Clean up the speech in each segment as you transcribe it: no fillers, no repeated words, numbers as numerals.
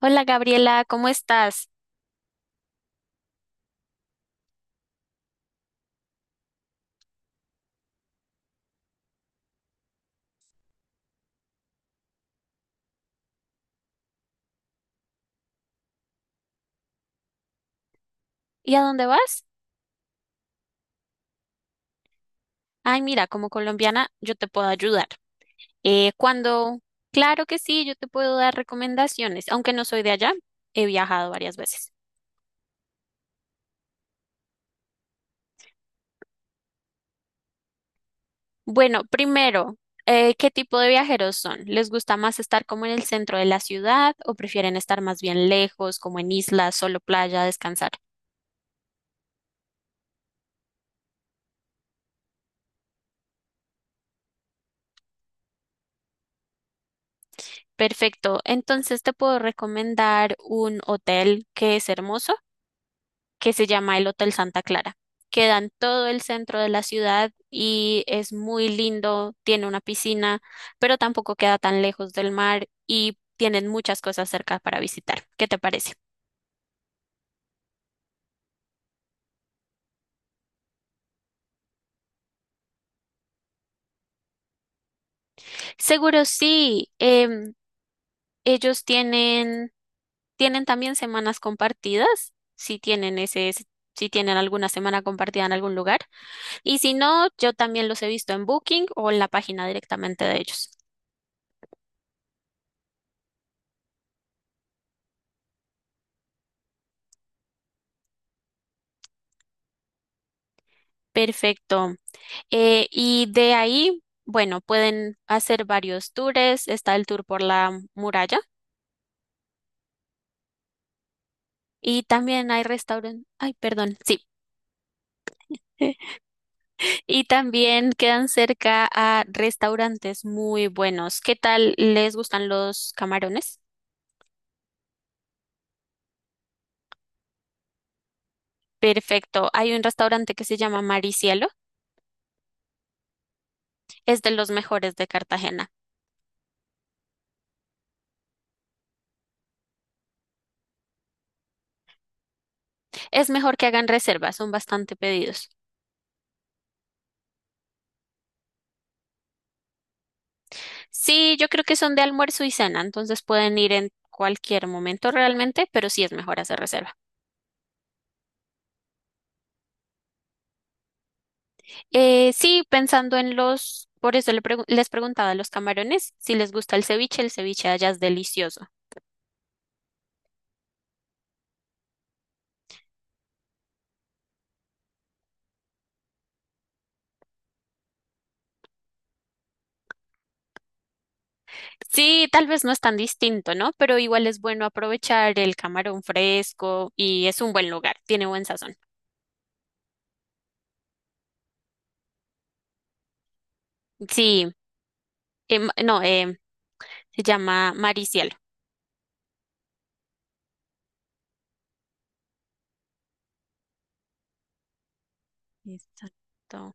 Hola, Gabriela, ¿cómo estás? ¿Y a dónde vas? Ay, mira, como colombiana yo te puedo ayudar. Eh, cuando, claro que sí, yo te puedo dar recomendaciones, aunque no soy de allá, he viajado varias veces. Bueno, primero, ¿qué tipo de viajeros son? ¿Les gusta más estar como en el centro de la ciudad o prefieren estar más bien lejos, como en islas, solo playa, descansar? Perfecto, entonces te puedo recomendar un hotel que es hermoso, que se llama el Hotel Santa Clara. Queda en todo el centro de la ciudad y es muy lindo, tiene una piscina, pero tampoco queda tan lejos del mar y tienen muchas cosas cerca para visitar. ¿Qué te parece? Seguro sí. Ellos tienen, tienen también semanas compartidas, si tienen alguna semana compartida en algún lugar. Y si no, yo también los he visto en Booking o en la página directamente de ellos. Perfecto. Y de ahí, bueno, pueden hacer varios tours. Está el tour por la muralla y también hay restaurantes. Ay, perdón, sí. Y también quedan cerca a restaurantes muy buenos. ¿Qué tal les gustan los camarones? Perfecto. Hay un restaurante que se llama Maricielo. Es de los mejores de Cartagena. Es mejor que hagan reservas, son bastante pedidos. Sí, yo creo que son de almuerzo y cena, entonces pueden ir en cualquier momento realmente, pero sí es mejor hacer reserva. Sí, pensando en los, por eso les preguntaba a los camarones si les gusta el ceviche de allá es delicioso. Sí, tal vez no es tan distinto, ¿no? Pero igual es bueno aprovechar el camarón fresco y es un buen lugar, tiene buen sazón. Sí, no, se llama Mar. Exacto.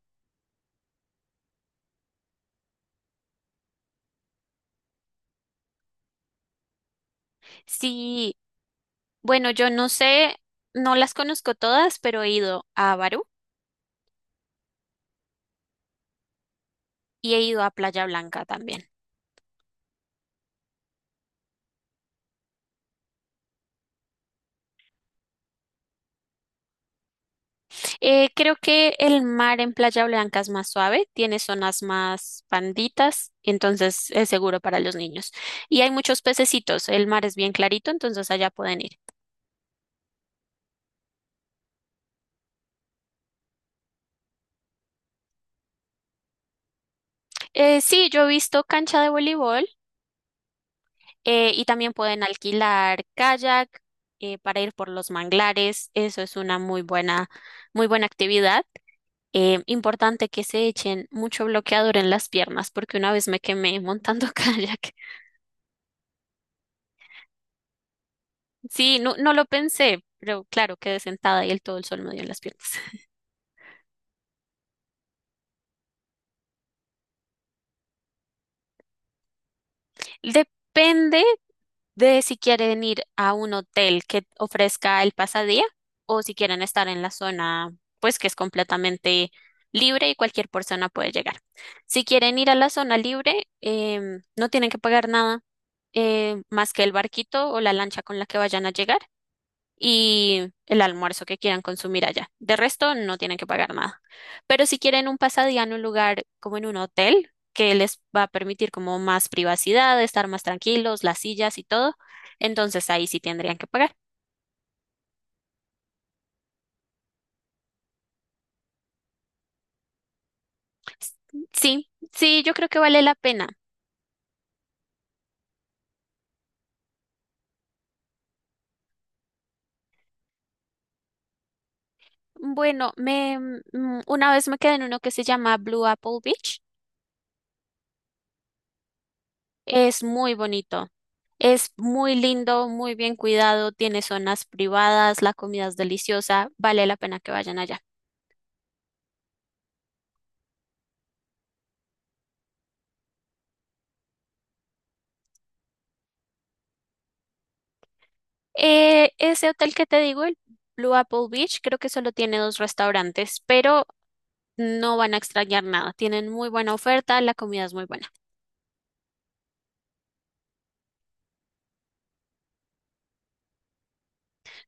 Sí, bueno, yo no sé, no las conozco todas, pero he ido a Barú y he ido a Playa Blanca también. Creo que el mar en Playa Blanca es más suave, tiene zonas más panditas, entonces es seguro para los niños. Y hay muchos pececitos, el mar es bien clarito, entonces allá pueden ir. Sí, yo he visto cancha de voleibol y también pueden alquilar kayak, para ir por los manglares, eso es una muy buena actividad. Importante que se echen mucho bloqueador en las piernas, porque una vez me quemé montando kayak. Sí, no lo pensé, pero claro, quedé sentada y el todo el sol me dio en las piernas. Depende de si quieren ir a un hotel que ofrezca el pasadía o si quieren estar en la zona, pues que es completamente libre y cualquier persona puede llegar. Si quieren ir a la zona libre, no tienen que pagar nada, más que el barquito o la lancha con la que vayan a llegar y el almuerzo que quieran consumir allá. De resto, no tienen que pagar nada. Pero si quieren un pasadía en un lugar como en un hotel, que les va a permitir como más privacidad, estar más tranquilos, las sillas y todo, entonces ahí sí tendrían que pagar. Sí, sí, yo creo que vale la pena. Bueno, me una vez me quedé en uno que se llama Blue Apple Beach. Es muy bonito. Es muy lindo, muy bien cuidado, tiene zonas privadas, la comida es deliciosa, vale la pena que vayan allá. Ese hotel que te digo, el Blue Apple Beach, creo que solo tiene dos restaurantes, pero no van a extrañar nada. Tienen muy buena oferta, la comida es muy buena.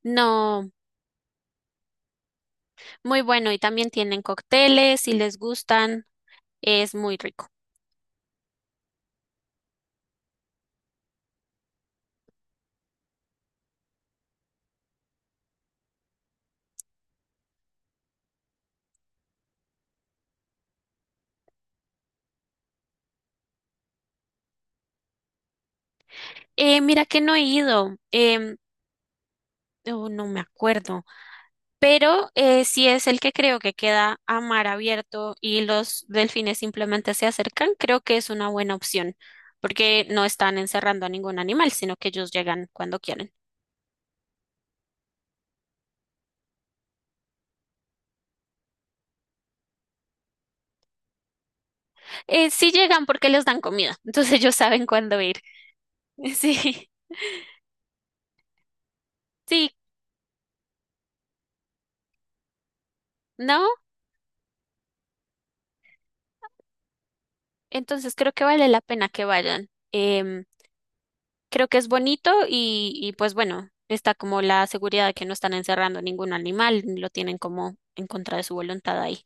No, muy bueno, y también tienen cócteles, si les gustan, es muy rico. Mira que no he ido, oh, no me acuerdo, pero sí es el que creo que queda a mar abierto y los delfines simplemente se acercan, creo que es una buena opción, porque no están encerrando a ningún animal, sino que ellos llegan cuando quieren. Sí llegan porque les dan comida, entonces ellos saben cuándo ir. Sí, sí, ¿no? Entonces creo que vale la pena que vayan. Creo que es bonito y pues bueno, está como la seguridad de que no están encerrando ningún animal, lo tienen como en contra de su voluntad ahí.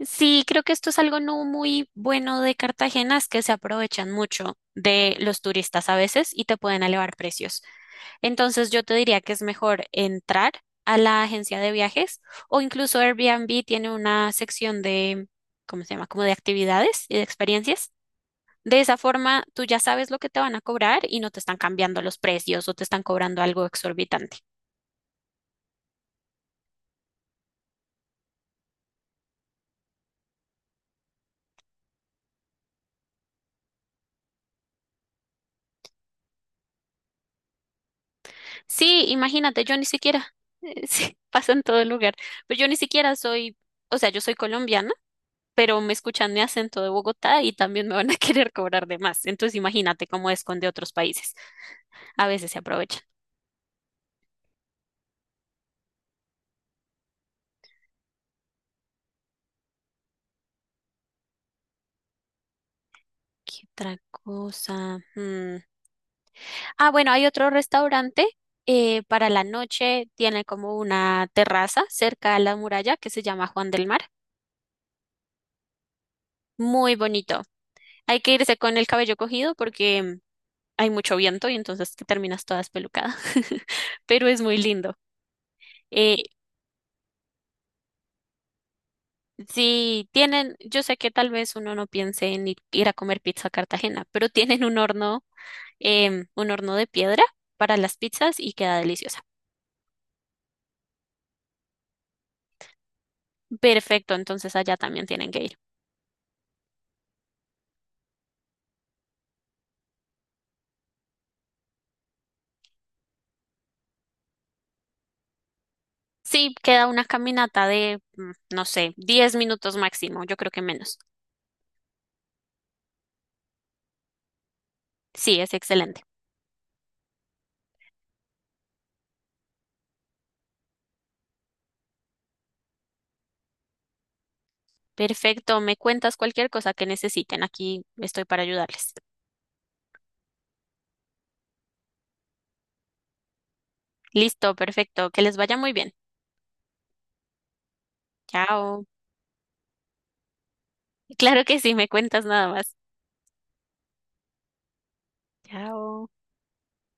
Sí, creo que esto es algo no muy bueno de Cartagena, es que se aprovechan mucho de los turistas a veces y te pueden elevar precios. Entonces yo te diría que es mejor entrar a la agencia de viajes o incluso Airbnb tiene una sección de, ¿cómo se llama? Como de actividades y de experiencias. De esa forma tú ya sabes lo que te van a cobrar y no te están cambiando los precios o te están cobrando algo exorbitante. Sí, imagínate, yo ni siquiera, sí, pasa en todo lugar, pero yo ni siquiera soy, o sea, yo soy colombiana, pero me escuchan mi acento de Bogotá y también me van a querer cobrar de más. Entonces imagínate cómo es con de otros países. A veces se aprovecha. ¿Qué otra cosa? Mm. Ah, bueno, hay otro restaurante, para la noche. Tiene como una terraza cerca a la muralla que se llama Juan del Mar. Muy bonito. Hay que irse con el cabello cogido porque hay mucho viento y entonces te terminas toda espelucada. Pero es muy lindo. Eh, si tienen, yo sé que tal vez uno no piense en ir a comer pizza a Cartagena, pero tienen un horno, un horno de piedra para las pizzas y queda deliciosa. Perfecto, entonces allá también tienen que ir. Sí, queda una caminata de, no sé, 10 minutos máximo, yo creo que menos. Sí, es excelente. Perfecto, me cuentas cualquier cosa que necesiten, aquí estoy para ayudarles. Listo, perfecto, que les vaya muy bien. Chao. Claro que sí, me cuentas nada más. Chao.